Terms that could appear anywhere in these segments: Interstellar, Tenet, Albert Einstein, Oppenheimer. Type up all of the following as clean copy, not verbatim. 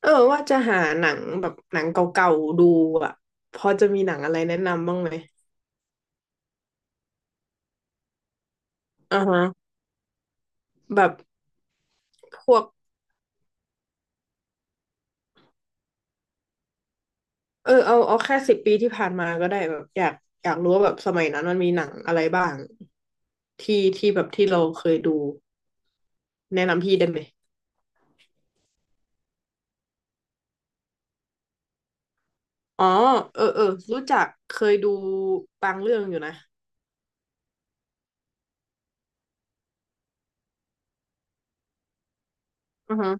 เออว่าจะหาหนังแบบหนังเก่าๆดูอ่ะพอจะมีหนังอะไรแนะนำบ้างไหมอ่าฮะแบบพวกเออเอาแค่สิบปีที่ผ่านมาก็ได้แบบอยากรู้ว่าแบบสมัยนั้นมันมีหนังอะไรบ้างที่แบบที่เราเคยดูแนะนำพี่ได้ไหมอ๋อเออเออรู้จักเคยดูบางเรื่องอยู่นะอือฮะ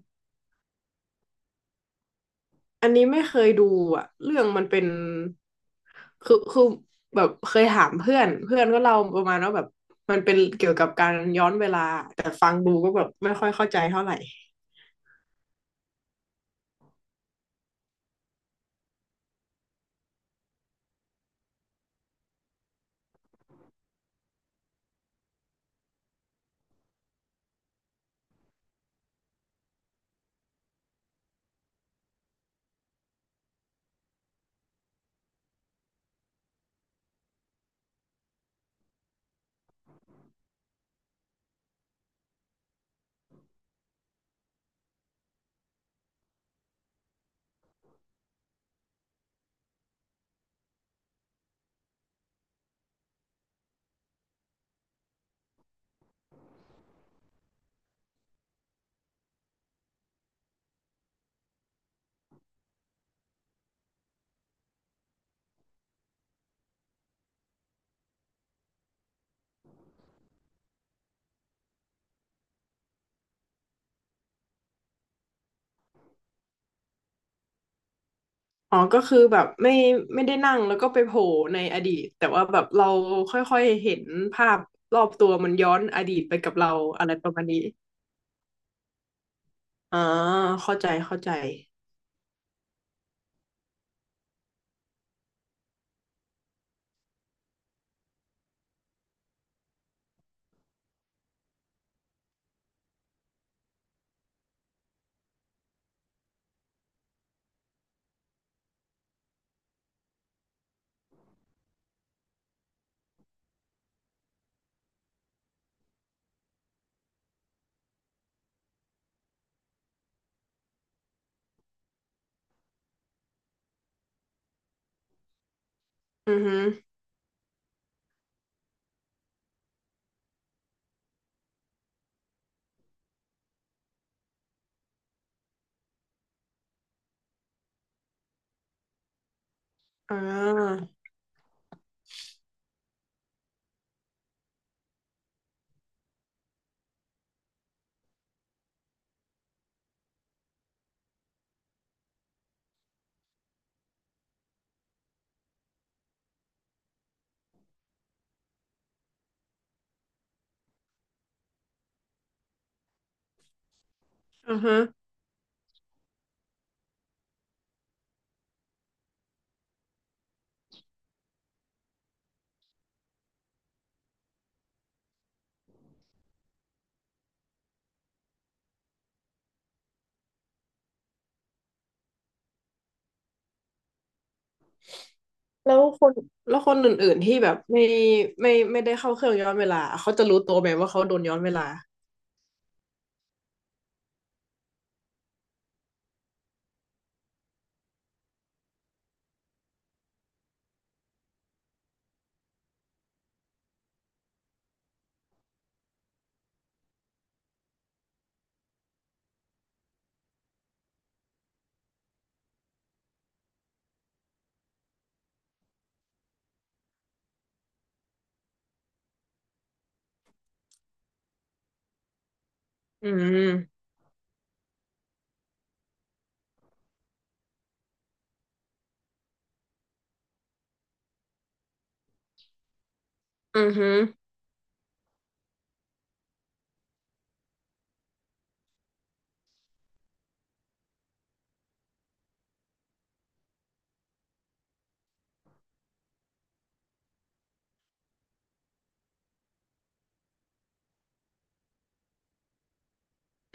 อันนี้ไม่เคยดูอ่ะเรื่องมันเป็น คือแบบเคยถามเพื่อนเพื่อนก็เล่าประมาณว่าแบบมันเป็นเกี่ยวกับการย้อนเวลาแต่ฟังดูก็แบบไม่ค่อยเข้าใจเท่าไหร่อ๋อก็คือแบบไม่ได้นั่งแล้วก็ไปโผล่ในอดีตแต่ว่าแบบเราค่อยๆเห็นภาพรอบตัวมันย้อนอดีตไปกับเราอะไรประมาณนี้อ๋อเข้าใจเข้าใจอือฮึอ่าอือฮึ แล้วคนแล้วคนอื่นๆที่แบบไม่ได้เข้าเครื่องย้อนเวลาเขาจะรู้ตัวไหมว่าเขาโดนย้อนเวลาอืมอือฮึ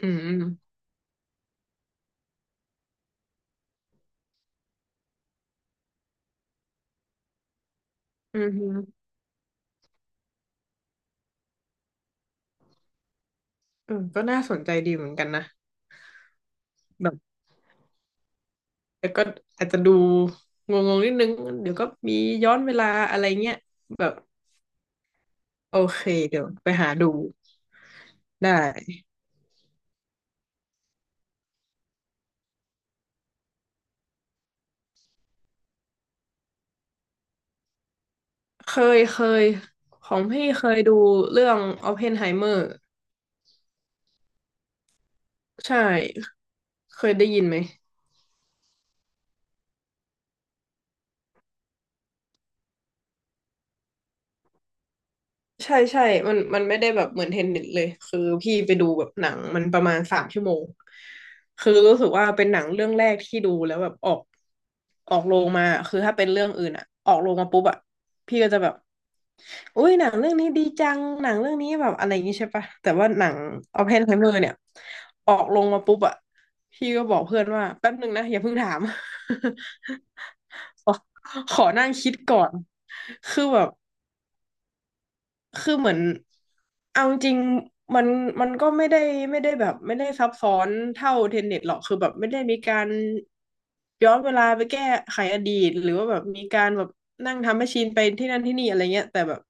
อืมอือฮึเออก็น่าสนใจดีเหมือนกันนะแบบแต่ก็อาจจะดูงงๆนิดนึงเดี๋ยวก็มีย้อนเวลาอะไรเงี้ยแบบโอเคเดี๋ยวไปหาดูได้เคยเคยของพี่เคยดูเรื่อง o อปเพนไฮเมอร์ใช่เคยได้ยินไหม ใช่ใช่มันไม่ได้แบบเหมือนเทนนิสเลยคือพี่ไปดูแบบหนังมันประมาณสามชั่วโมงคือรู้สึกว่าเป็นหนังเรื่องแรกที่ดูแล้วแบบออกโรงมาคือถ้าเป็นเรื่องอื่นอะออกโรงมาปุ๊บอะพี่ก็จะแบบอุ้ยหนังเรื่องนี้ดีจังหนังเรื่องนี้แบบอะไรอย่างงี้ใช่ปะแต่ว่าหนังออปเพนไฮเมอร์เนี่ยออกโรงมาปุ๊บอะพี่ก็บอกเพื่อนว่าแป๊บนึงนะอย่าเพิ่งถาม ขอขอนั่งคิดก่อนคือแบบ คือเหมือนเอาจริงๆมันก็ไม่ได้แบบไม่ได้ซับซ้อนเท่าเทนเน็ตหรอกคือแบบไม่ได้มีการย้อนเวลาไปแก้ไขอดีตหรือว่าแบบมีการแบบนั่งทำแมชชีนไปที่นั่นที่นี่อะไรเงี้ยแต่แบบ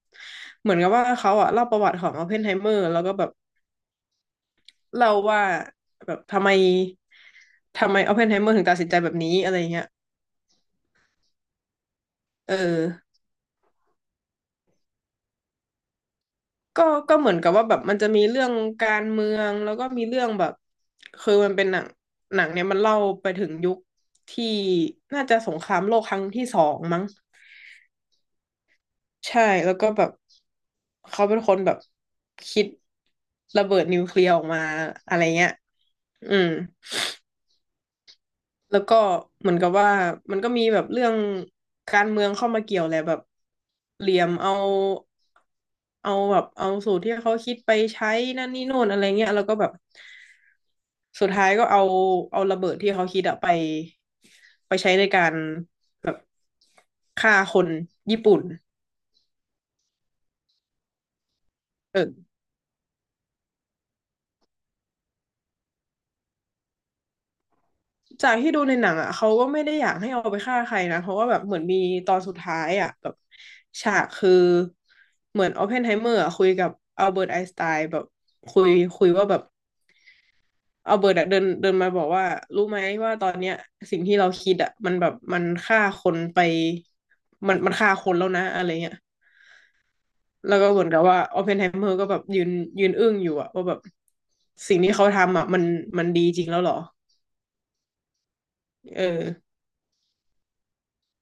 เหมือนกับว่าเขาอะเล่าประวัติของอ p พนไฮเมอร์แล้วก็แบบเล่าว่าแบบทำไมอ p พนไฮเมอร์ถึงตัดสินใจแบบนี้อะไรเงี้ยเออ ก็ก็เหมือนกับว่าแบบมันจะมีเรื่องการเมืองแล้วก็มีเรื่องแบบคือมันเป็นหนังเนี่ยมันเล่าไปถึงยุคที่น่าจะสงครามโลกครั้งที่สองมั้งใช่แล้วก็แบบเขาเป็นคนแบบคิดระเบิดนิวเคลียร์ออกมาอะไรเงี้ยอืม แล้วก็เหมือนกับว่ามันก็มีแบบเรื่องการเมืองเข้ามาเกี่ยวแหละแบบเหลี่ยมเอาแบบเอาสูตรที่เขาคิดไปใช้นั่นนี่โน่นอะไรเงี้ยแล้วก็แบบสุดท้ายก็เอาระเบิดที่เขาคิดอะไปไปใช้ในการฆ่าคนญี่ปุ่นเออ จากที่ดูในหนังอ่ะเขาก็ไม่ได้อยากให้เอาไปฆ่าใครนะเพราะว่าแบบเหมือนมีตอนสุดท้ายอ่ะแบบฉากคือเหมือนออปเพนไฮเมอร์คุยกับอัลเบิร์ตไอน์สไตน์แบบคุยคุยว่าแบบอัลเบิร์ตอะเดินเดินมาบอกว่ารู้ไหมว่าตอนเนี้ยสิ่งที่เราคิดอ่ะมันแบบมันฆ่าคนไปมันฆ่าคนแล้วนะอะไรเงี้ยแล้วก็เหมือนกับว่าออปเพนไฮเมอร์ก็แบบยืนอึ้งอยู่อะว่าแบบสิ่งที่เขาทำอะมันดีจริงแล้วเหรอเออ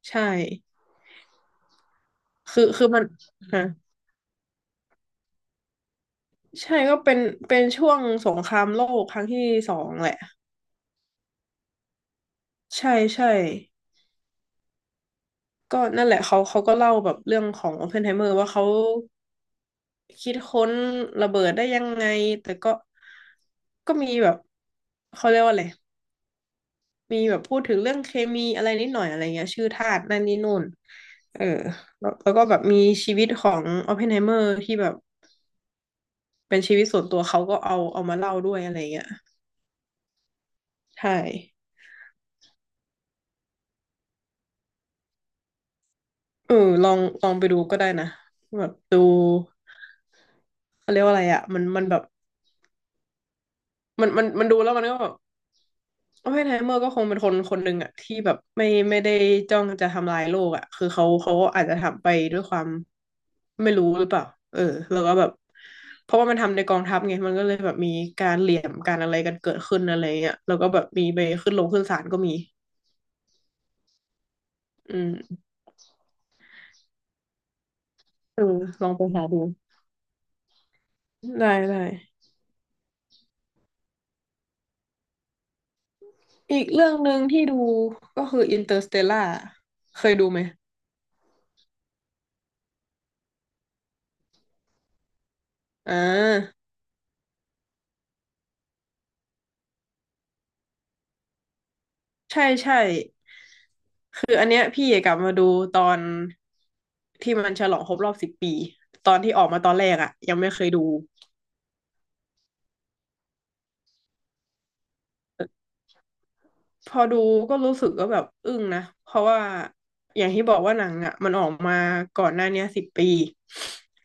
ใช่คือมันฮะ ใช่ก็เป็นช่วงสงครามโลกครั้งที่สองแหละใช่ใช่ก็นั่นแหละเขาก็เล่าแบบเรื่องของโอเพนไฮเมอร์ว่าเขาคิดค้นระเบิดได้ยังไงแต่ก็มีแบบเขาเรียกว่าอะไรมีแบบพูดถึงเรื่องเคมีอะไรนิดหน่อยอะไรเงี้ยชื่อธาตุนั่นนี่นู่นเออแล้วก็แบบมีชีวิตของโอเพนไฮเมอร์ที่แบบเป็นชีวิตส่วนตัวเขาก็เอามาเล่าด้วยอะไรเงี้ยใช่ เออลองไปดูก็ได้นะแบบดูเขาเรียกว่าอะไรอ่ะมันแบบมันดูแล้วมันก็แบบโอ้ยไฮเมอร์ก็คงเป็นคนคนหนึ่งอ่ะที่แบบไม่ได้จ้องจะทำลายโลกอ่ะคือเขาอาจจะทำไปด้วยความไม่รู้หรือเปล่าเออแล้วก็แบบเพราะว่ามันทำในกองทัพไงมันก็เลยแบบมีการเหลี่ยมการอะไรกันเกิดขึ้นอะไรเงี้ยแล้วก็แบบมีไปขึ้นลงขึ้นศาลก็มีอืมเออลองไปหาดูได้ได้ อีกเรื่องหนึ่งที่ดูก็คืออินเตอร์สเตลล่าเคยดูไหมอ่าใช่ใช่คืออันเนี้ยพี่กลับมาดูตอนที่มันฉลองครบรอบสิบปีตอนที่ออกมาตอนแรกอะยังไม่เคยดูพอดูก็รู้สึกก็แบบอึ้งนะเพราะว่าอย่างที่บอกว่าหนังอะมันออกมาก่อนหน้าเนี้สิบปี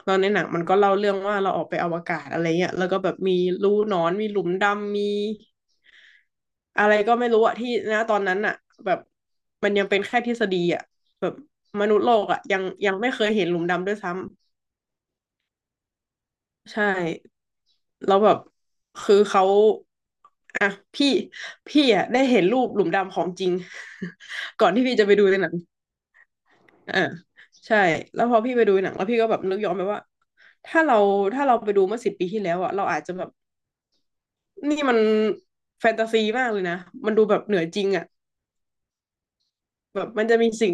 แล้วในหนังมันก็เล่าเรื่องว่าเราออกไปอวกาศอะไรเงี้ยแล้วก็แบบมีรูหนอนมีหลุมดำมี อะไรก็ไม่รู้อะที่นะตอนนั้นอะแบบมันยังเป็นแค่ทฤษฎีอะแบบมนุษย์โลกอะยังไม่เคยเห็นหลุมดำด้วยซ้ำใช่แล้วแบบคือเขาอะพี่พี่อะได้เห็นรูปหลุมดำของจริง ก่อนที่พี่จะไปดูในหนังอ่าใช่แล้วพอพี่ไปดูในหนังแล้วพี่ก็แบบนึกย้อนไปว่าถ้าเราถ้าเราไปดูเมื่อสิบปีที่แล้วอะเราอาจจะแบบนี่มันแฟนตาซีมากเลยนะมันดูแบบเหนือจริงอะแบบมันจะมีสิ่ง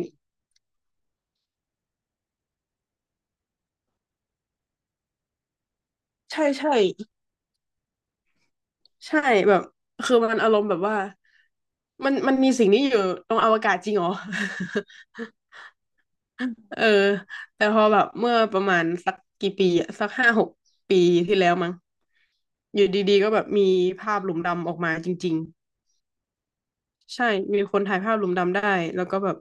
ใช่ใช่ ใช่แบบคือมันอารมณ์แบบว่ามันมีสิ่งนี้อยู่ตรงอวกาศจริงเหรอ เออแต่พอแบบเมื่อประมาณสักกี่ปีอะสัก5-6 ปีที่แล้วมั้งอยู่ดีๆก็แบบมีภาพหลุมดำออกมาจริงๆใช่มีคนถ่ายภาพหลุมดำได้แล้วก็แบบ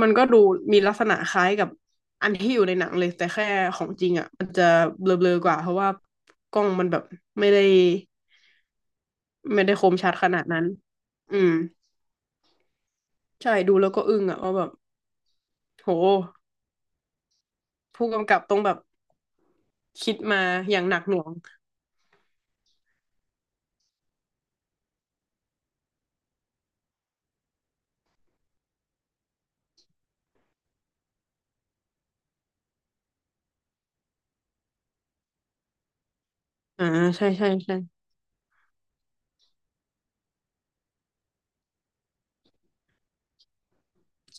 มันก็ดูมีลักษณะคล้ายกับอันที่อยู่ในหนังเลยแต่แค่ของจริงอ่ะมันจะเบลอๆกว่าเพราะว่ากล้องมันแบบไม่ได้คมชัดขนาดนั้นอืม ใช่ดูแล้วก็อึ้งอะว่าแบบโหผู้กำกับต้องแบบคิดมาอย่างหนักหน่วงอ่าใช่ใช่ใช่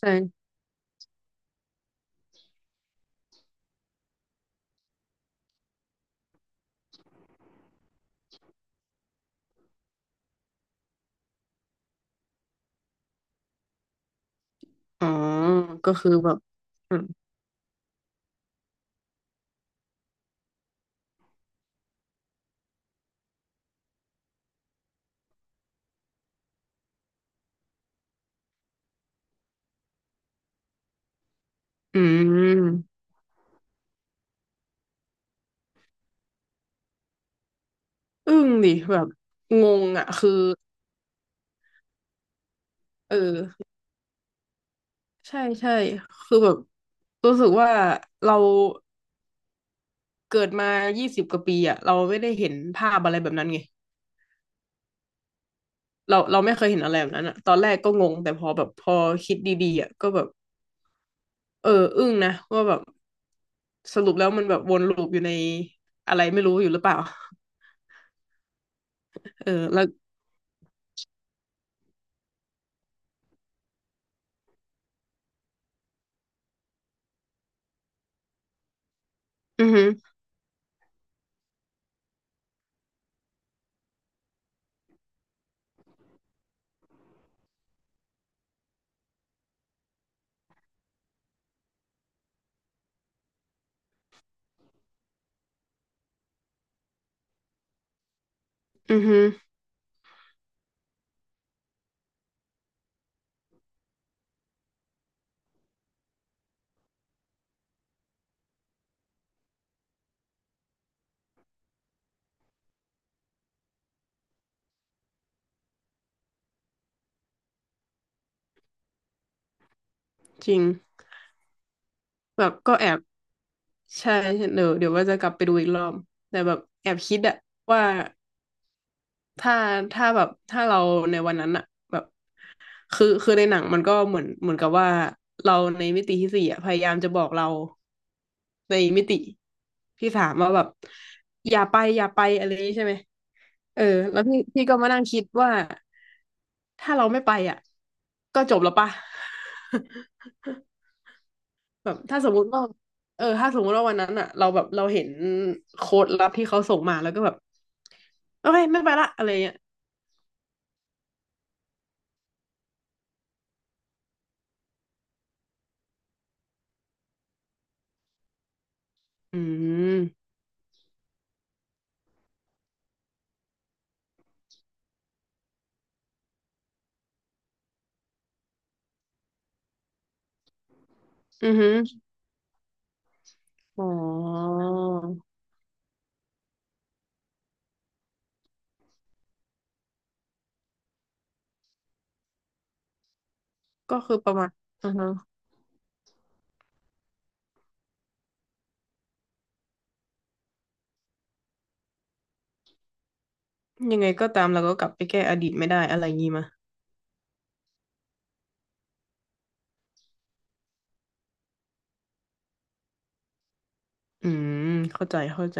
ใช่อ๋อก็คือแบบอืมอืมอึ้งดิแบบงงอะคือเออใช่ใช่คือแบบรู้สึกว่าเราเกิดมา20 กว่าปีอะเราไม่ได้เห็นภาพอะไรแบบนั้นไงเราไม่เคยเห็นอะไรแบบนั้นอะตอนแรกก็งงแต่พอแบบพอคิดดีๆอะก็แบบเอออึ้งนะว่าแบบ สรุปแล้วมันแบบวนลูปอยู่ในอะไรไม่รู้อยู่หรือเปล่าเออแล้วอือฮึอือฮึจริงแบบก็แอบใช่เดี๋ยวว่าจะกลับไปดูอีกรอบแต่แบบแอบคิดอะว่าถ้าถ้าแบบถ้าเราในวันนั้นอะแบบคือคือในหนังมันก็เหมือนกับว่าเราในมิติที่สี่อะพยายามจะบอกเราในมิติที่สามว่าแบบอย่าไปอย่าไปอะไรอย่างนี้ใช่ไหมเออแล้วพี่ก็มานั่งคิดว่า ถ้าเราไม่ไปอ่ะก็จบแล้วป่ะ แบบถ้าสมมุติว่าเออถ้าสมมุติว่าวันนั้นอ่ะเราแบบเราเห็นโค้ดลับที่เขาส่งมาแล้วก็แบบโอเคไม่ไปละอะไรเงี้ยอืมอือหืออ๋อก็คือประมาณอือฮะยังไงก็ตามเราก็กลับไปแก้อดีตไม่ได้อะไรงี้มาอืมเข้าใจเข้าใจ